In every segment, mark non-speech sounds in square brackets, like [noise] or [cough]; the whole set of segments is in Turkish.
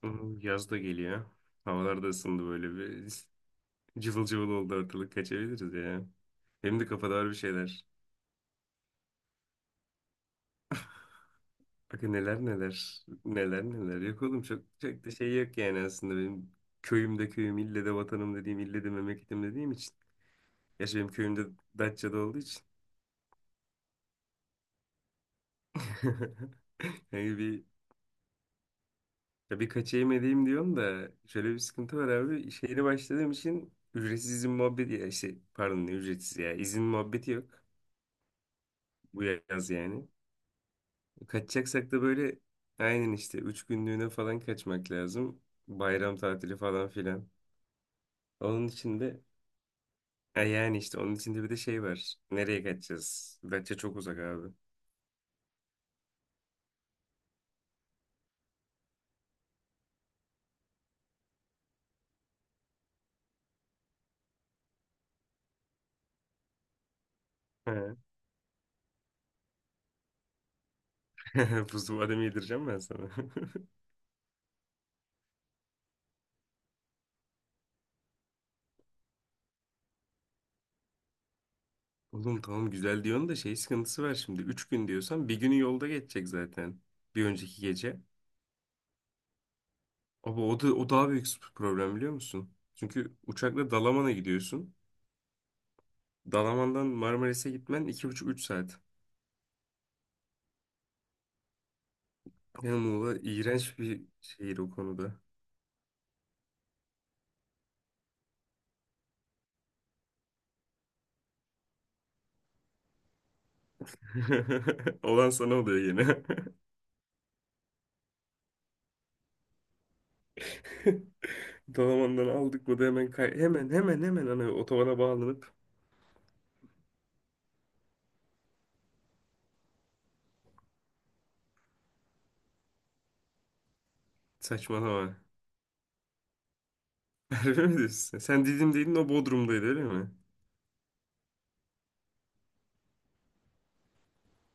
Hmm, yaz da geliyor. Havalar da ısındı böyle bir. [laughs] Cıvıl cıvıl oldu ortalık, kaçabiliriz ya. Benim de kafada var bir şeyler. Bakın neler neler. Neler neler. Yok oğlum, çok, çok da şey yok yani aslında benim köyümde köyüm, ille de vatanım dediğim, ille de memleketim dediğim için. Gerçi benim köyümde Datça'da olduğu için. [laughs] Yani bir, ya bir kaçayım edeyim diyorum da şöyle bir sıkıntı var abi. İş yerine başladığım için ücretsiz izin muhabbeti, ya işte pardon, ne ücretsiz ya izin muhabbeti yok bu yaz yani. Kaçacaksak da böyle aynen işte 3 günlüğüne falan kaçmak lazım. Bayram tatili falan filan. Onun için de yani işte onun içinde bir de şey var. Nereye kaçacağız? Datça çok uzak abi. He. [laughs] Buzlu badem yedireceğim ben sana. [laughs] Oğlum tamam, güzel diyorsun da şey sıkıntısı var şimdi. 3 gün diyorsan bir günü yolda geçecek zaten. Bir önceki gece. Ama o daha büyük problem, biliyor musun? Çünkü uçakla Dalaman'a gidiyorsun. Dalaman'dan Marmaris'e gitmen 2,5-3 saat. Ya Muğla iğrenç bir şehir o konuda. [laughs] Olan sana oluyor yine. [laughs] Dalaman'dan aldık mı da hemen kay hemen hemen hemen hani otobana bağlanıp saçmalama. [laughs] Harbi mi diyorsun? Sen Didim değilin, o Bodrum'daydı, öyle mi?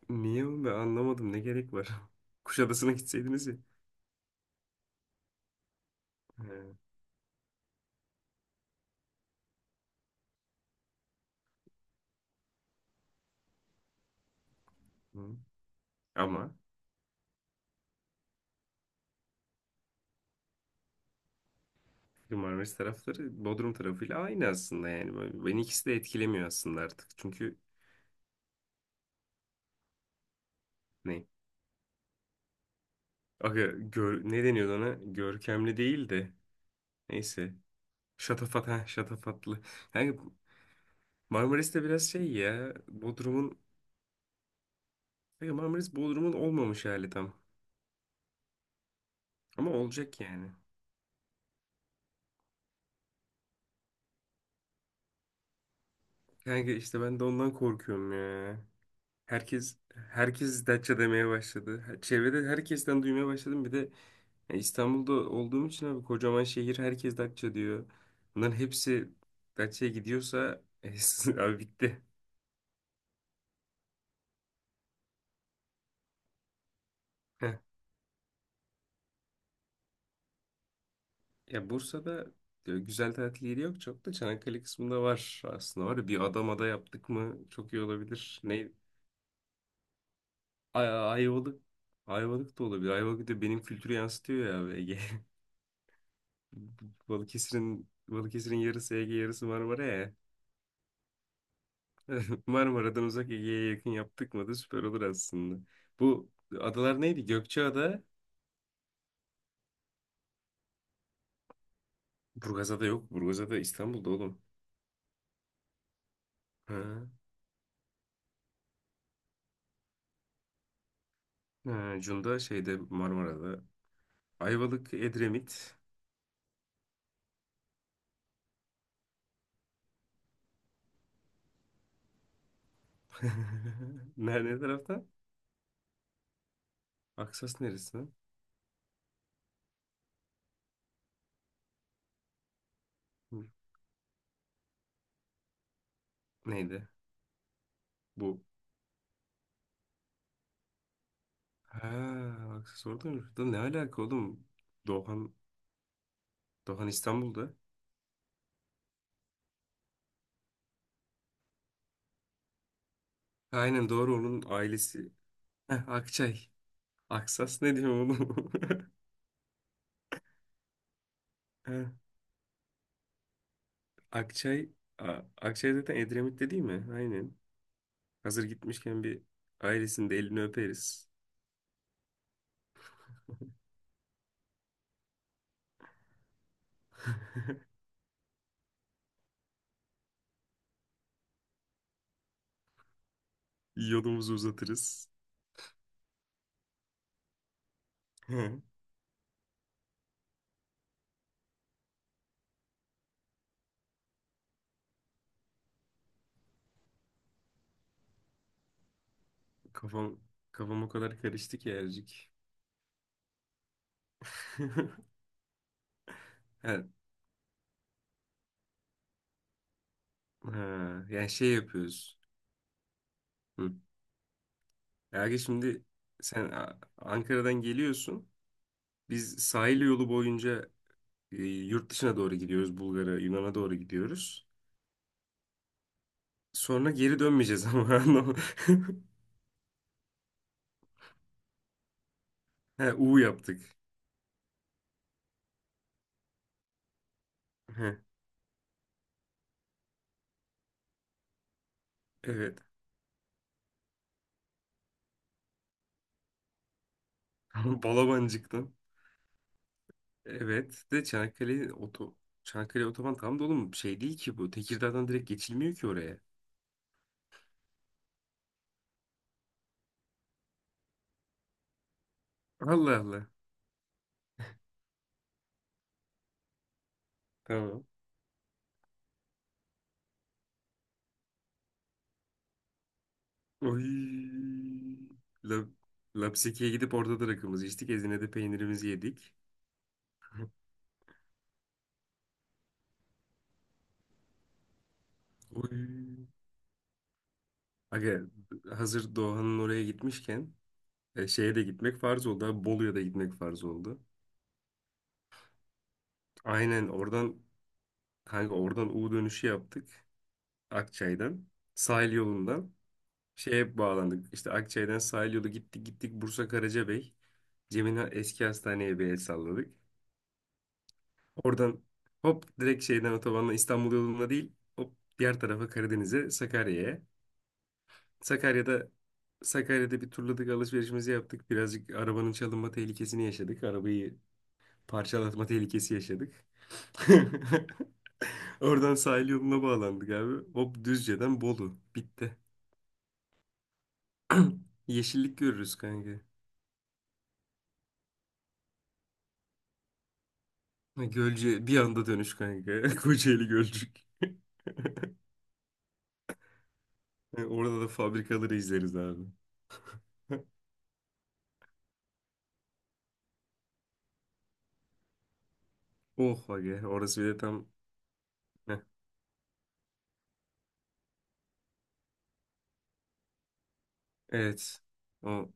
Niye oğlum, ben anlamadım ne gerek var. [laughs] Kuşadası'na gitseydiniz ya. He, hı. Ama Marmaris tarafları Bodrum tarafıyla aynı aslında yani. Böyle- beni ikisi de etkilemiyor aslında artık. Çünkü ne? Aga, gör, ne deniyordu ona? Görkemli değil de. Neyse. Şatafat, ha, şatafatlı. Yani Marmaris de biraz şey ya, Bodrum'un, kanka Marmaris Bodrum'un olmamış hali tam. Ama olacak yani. Kanka işte ben de ondan korkuyorum ya. Herkes Datça demeye başladı. Her- çevrede herkesten duymaya başladım. Bir de ya İstanbul'da olduğum için abi, kocaman şehir, herkes Datça diyor. Bunların hepsi Datça'ya gidiyorsa [laughs] abi bitti. [laughs] Ya Bursa'da güzel tatil yeri yok çok da, Çanakkale kısmında var, aslında var. Ya, bir Adamada yaptık mı çok iyi olabilir. Ne? Ayvalık. Ayvalık da olabilir. Ayvalık da benim kültürü yansıtıyor ya abi, Ege. [laughs] Balıkesir'in yarısı Ege, yarısı Marmara ya. [laughs] Marmara'dan uzak, Ege'ye yakın yaptık mı da süper olur aslında. Bu adalar neydi? Gökçeada. Burgazada yok. Burgazada İstanbul'da oğlum. Ha. Ha, Cunda şeyde Marmara'da. Ayvalık, Edremit. [laughs] Nerede tarafta? Aksas neresi? Hı, neydi? Bu. Ha, Aksas orada mı? Da ne alaka oğlum? Doğan, Doğan İstanbul'da. Aynen doğru, onun ailesi. Heh, Akçay. Aksas ne diyor oğlum? [laughs] Heh, Akçay. Akçay zaten Edremit'te değil mi? Aynen. Hazır gitmişken bir ailesinin de elini öperiz. [laughs] Yolumuzu uzatırız. Heh, Kafam, kafam o kadar karıştı ki Ercik. [laughs] Evet. Ha, yani şey yapıyoruz. Hı. Yani şimdi sen Ankara'dan geliyorsun. Biz sahil yolu boyunca yurt dışına doğru gidiyoruz. Bulgar'a, Yunan'a doğru gidiyoruz. Sonra geri dönmeyeceğiz ama. [laughs] Anladın mı? He, U yaptık. He, evet. [laughs] Tamam, Balabancık'tan. Evet. De Çanakkale oto Çanakkale otoban tam dolu mu? Şey değil ki bu. Tekirdağ'dan direkt geçilmiyor ki oraya. Allah Allah. Tamam. Oy. Lab, Lapseki'ye gidip orada da rakımızı içtik. Ezine'de peynirimizi yedik. Oy. Aga hazır Doğan'ın oraya gitmişken şeye de gitmek farz oldu. Abi, Bolu'ya da gitmek farz oldu. Aynen oradan, kanka oradan U dönüşü yaptık. Akçay'dan. Sahil yolundan şeye bağlandık. İşte Akçay'dan sahil yolu gittik gittik Bursa Karacabey. Cem'in eski hastaneye bir el salladık. Oradan hop direkt şeyden otobanla İstanbul yoluna değil, hop diğer tarafa Karadeniz'e, Sakarya'ya. Sakarya'da Sakarya'da bir turladık, alışverişimizi yaptık. Birazcık arabanın çalınma tehlikesini yaşadık. Arabayı parçalatma tehlikesi yaşadık. [laughs] Oradan sahil yoluna bağlandık abi. Hop Düzce'den Bolu. Bitti. Yeşillik görürüz kanka. Ha, Gölcük bir anda dönüş kanka. [laughs] Kocaeli Gölcük. Ha, orada da fabrikaları izleriz abi. [laughs] Oh aga, orası bir de tam evet. O.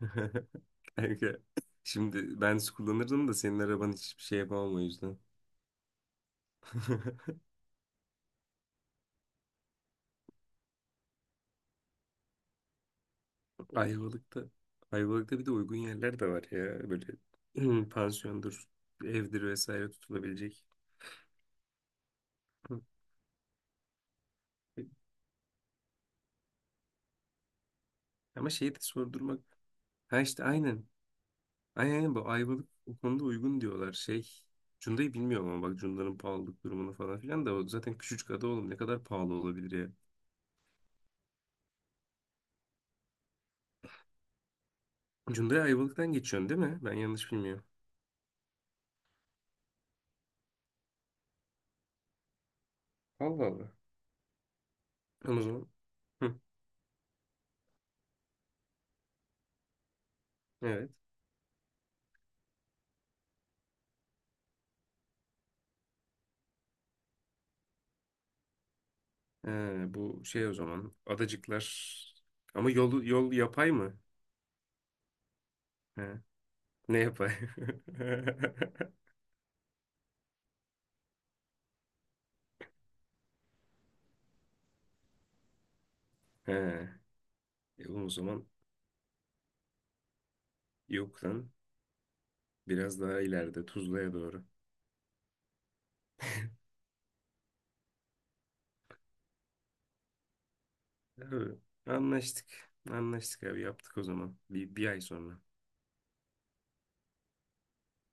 [laughs] Kanka. Şimdi ben kullanırdım da senin araban, hiçbir şey yapamam o yüzden. [laughs] Ayvalık'ta. Ayvalık'ta bir de uygun yerler de var ya. Böyle [clears throat] pansiyondur, evdir vesaire tutulabilecek. [clears throat] Hı. Ama şeyi de sordurmak. Ha işte aynen. Aynen aynen, bu Ayvalık o konuda uygun diyorlar. Şey Cunda'yı bilmiyorum ama bak Cunda'nın pahalılık durumunu falan filan da, o zaten küçücük ada oğlum, ne kadar pahalı olabilir ya. Cunda'ya Ayvalık'tan geçiyorsun değil mi? Ben yanlış bilmiyorum. Allah Allah. Tamam o zaman. Hı, evet. Bu şey o zaman. Adacıklar. Ama yol, yol yapay mı? He, ne yapay? [laughs] He. O zaman yok lan. Biraz daha ileride Tuzla'ya doğru. Abi, anlaştık. Anlaştık abi, yaptık o zaman. Bir ay sonra.